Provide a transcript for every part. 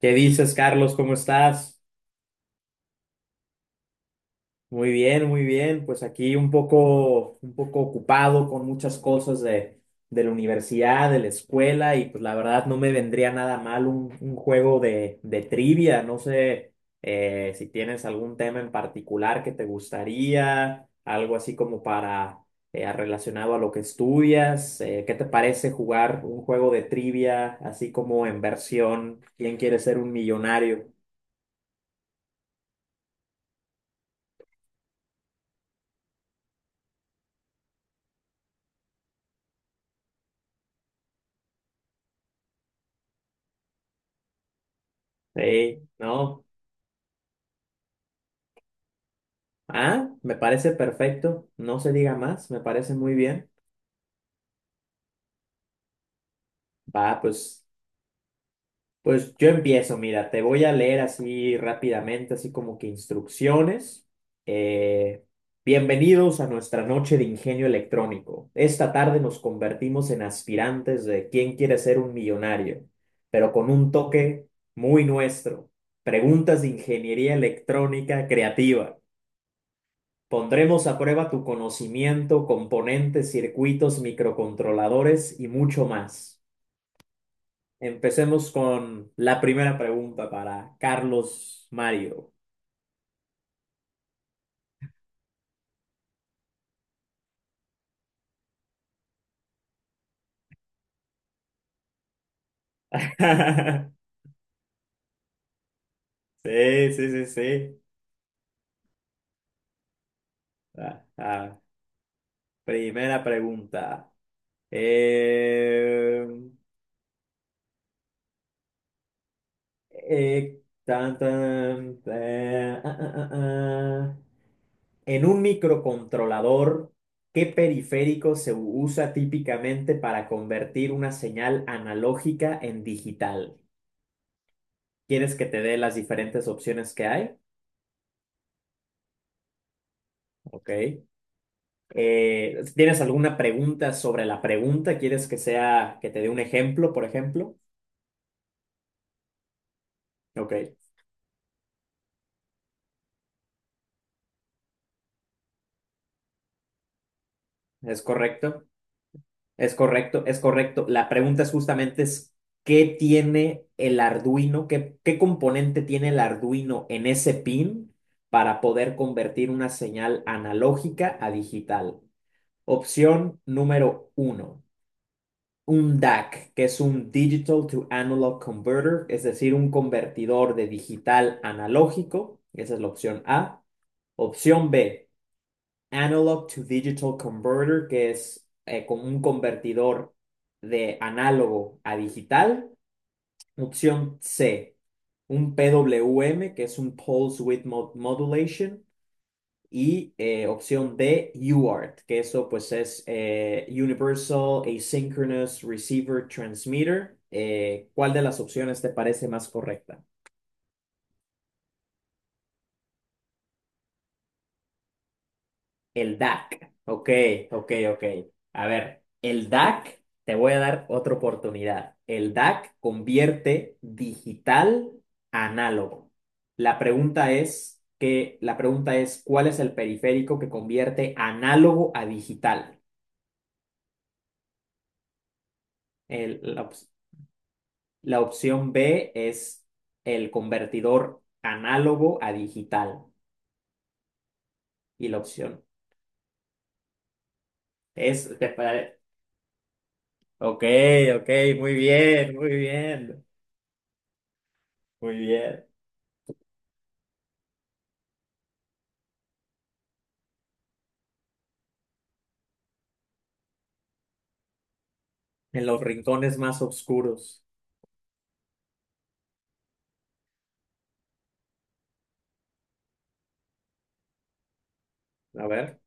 ¿Qué dices, Carlos? ¿Cómo estás? Muy bien, muy bien. Pues aquí un poco ocupado con muchas cosas de la universidad, de la escuela, y pues la verdad no me vendría nada mal un juego de trivia. No sé si tienes algún tema en particular que te gustaría, algo así como para relacionado a lo que estudias. ¿Qué te parece jugar un juego de trivia así como en versión ¿Quién quiere ser un millonario? Sí, ¿no? Ah, me parece perfecto, no se diga más, me parece muy bien. Va, pues, yo empiezo, mira, te voy a leer así rápidamente, así como que instrucciones. Eh, Bienvenidos a nuestra noche de ingenio electrónico. Esta tarde nos convertimos en aspirantes de quién quiere ser un millonario, pero con un toque muy nuestro. Preguntas de ingeniería electrónica creativa. Pondremos a prueba tu conocimiento, componentes, circuitos, microcontroladores y mucho más. Empecemos con la primera pregunta para Carlos Mario. Sí, sí, sí, sí. Ah, ah. Primera pregunta. Eh, Tan, tan, ah. En un microcontrolador, ¿qué periférico se usa típicamente para convertir una señal analógica en digital? ¿Quieres que te dé las diferentes opciones que hay? Ok. ¿Tienes alguna pregunta sobre la pregunta? ¿Quieres que sea, que te dé un ejemplo, por ejemplo? Ok, es correcto. Es correcto, es correcto. La pregunta es justamente es, ¿qué tiene el Arduino? ¿Qué componente tiene el Arduino en ese pin para poder convertir una señal analógica a digital? Opción número uno, un DAC, que es un Digital to Analog Converter, es decir, un convertidor de digital analógico. Esa es la opción A. Opción B Analog to Digital Converter, que es con un convertidor de análogo a digital. Opción C, un PWM, que es un Pulse Width mod Modulation. Y opción D, UART, que eso pues es Universal Asynchronous Receiver Transmitter. ¿Cuál de las opciones te parece más correcta? El DAC. Ok, ok, ok. A ver, el DAC, te voy a dar otra oportunidad. El DAC convierte digital a análogo. La pregunta es, ¿cuál es el periférico que convierte análogo a digital? El- la, op- la opción B es el convertidor análogo a digital. Y la opción es, Ok, ok, muy bien, muy bien, muy bien. En los rincones más oscuros. A ver.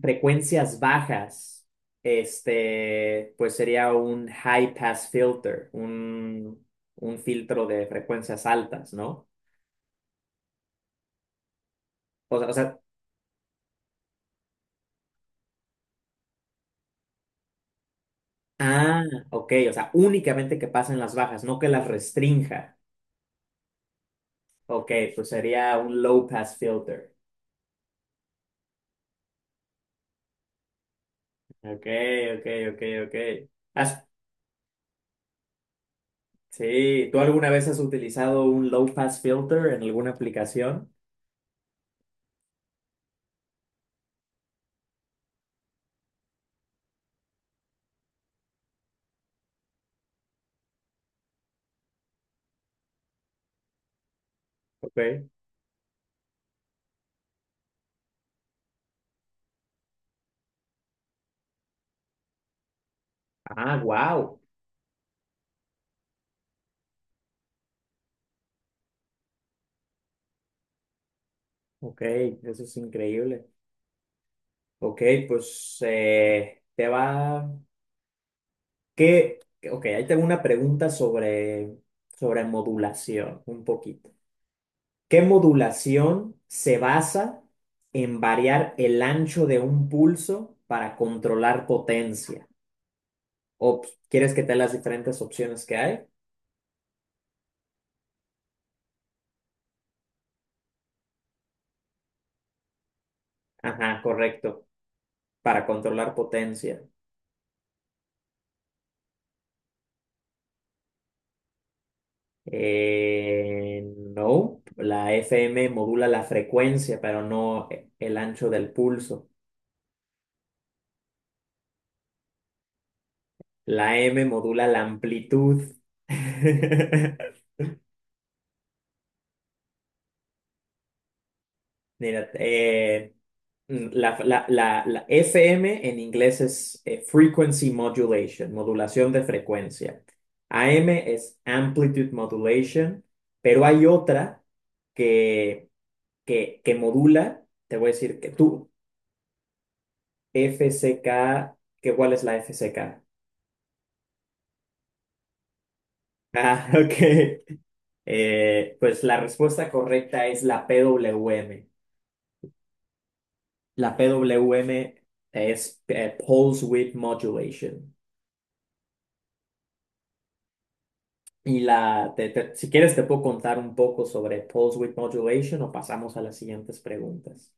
Frecuencias bajas. Este, pues sería un high pass filter, un filtro de frecuencias altas, ¿no? O sea, ah, ok, o sea, únicamente que pasen las bajas, no que las restrinja. Ok, pues sería un low pass filter. Ok, ok, ok, ok. Has- sí, ¿tú alguna vez has utilizado un low pass filter en alguna aplicación? Ok. Ah, wow. Ok, eso es increíble. Ok, pues te va. ¿Qué? Ok, ahí tengo una pregunta sobre modulación, un poquito. ¿Qué modulación se basa en variar el ancho de un pulso para controlar potencia? O, ¿quieres que te dé las diferentes opciones que hay? Ajá, correcto, para controlar potencia. Eh, no, la FM modula la frecuencia, pero no el ancho del pulso. La M modula la amplitud. Mira, la FM en inglés es frequency modulation, modulación de frecuencia. AM es amplitude modulation, pero hay otra que, que modula, te voy a decir que tú, F C K, ¿Cuál es la F C K? Ah, ok. Pues la respuesta correcta es la P W M. La P W M es Pulse Width Modulation. Si quieres te puedo contar un poco sobre Pulse Width Modulation o pasamos a las siguientes preguntas.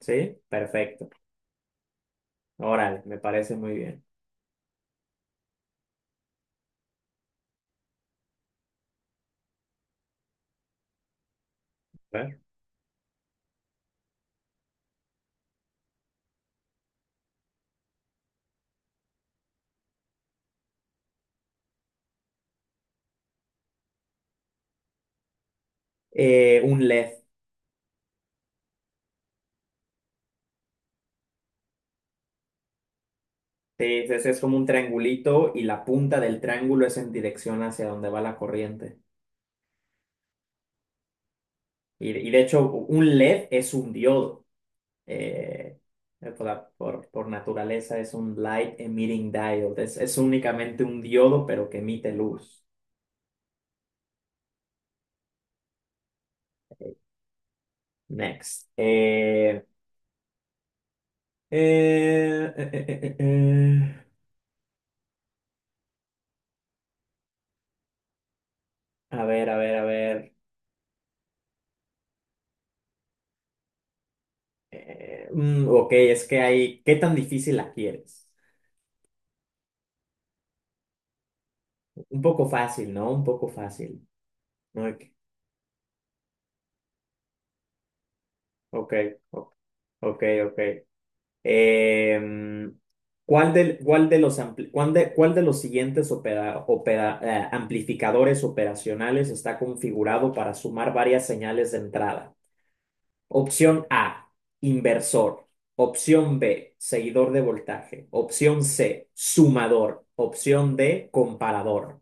¿Sí? Perfecto. Órale, me parece muy bien. A ver. Un LED. Sí, es como un triangulito y la punta del triángulo es en dirección hacia donde va la corriente. Y de hecho, un LED es un diodo. eh, por naturaleza es un light emitting diode. Es únicamente un diodo, pero que emite luz. Next. Eh, eh, eh, eh, eh. eh. A ver, a ver, a ver. Ok, es que hay. ¿Qué tan difícil la quieres? Un poco fácil, ¿no? Un poco fácil. Ok, ok, ok. Ok. Em, ¿Cuál de los, ampli- cuál de los siguientes amplificadores operacionales está configurado para sumar varias señales de entrada? Opción A, inversor. Opción B, seguidor de voltaje. Opción C, sumador. Opción D, comparador.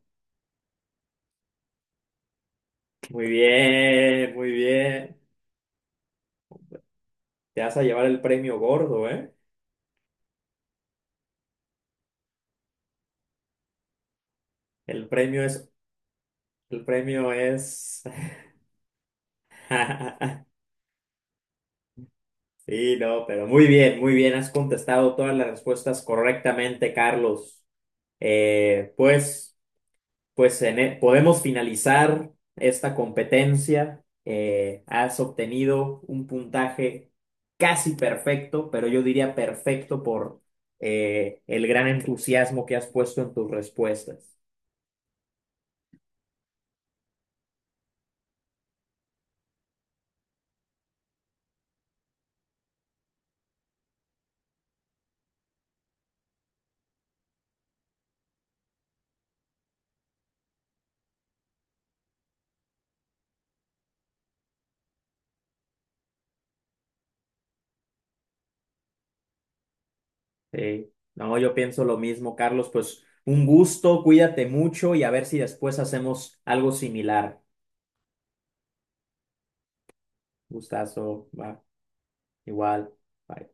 Muy bien, muy bien. Te vas a llevar el premio gordo, ¿eh? El premio es, el premio es. Sí, no, pero muy bien, muy bien. Has contestado todas las respuestas correctamente, Carlos. Eh, pues, pues podemos finalizar esta competencia. Has obtenido un puntaje casi perfecto, pero yo diría perfecto por el gran entusiasmo que has puesto en tus respuestas. Sí. No, yo pienso lo mismo, Carlos. Pues un gusto, cuídate mucho y a ver si después hacemos algo similar. Gustazo, va. Igual. Bye.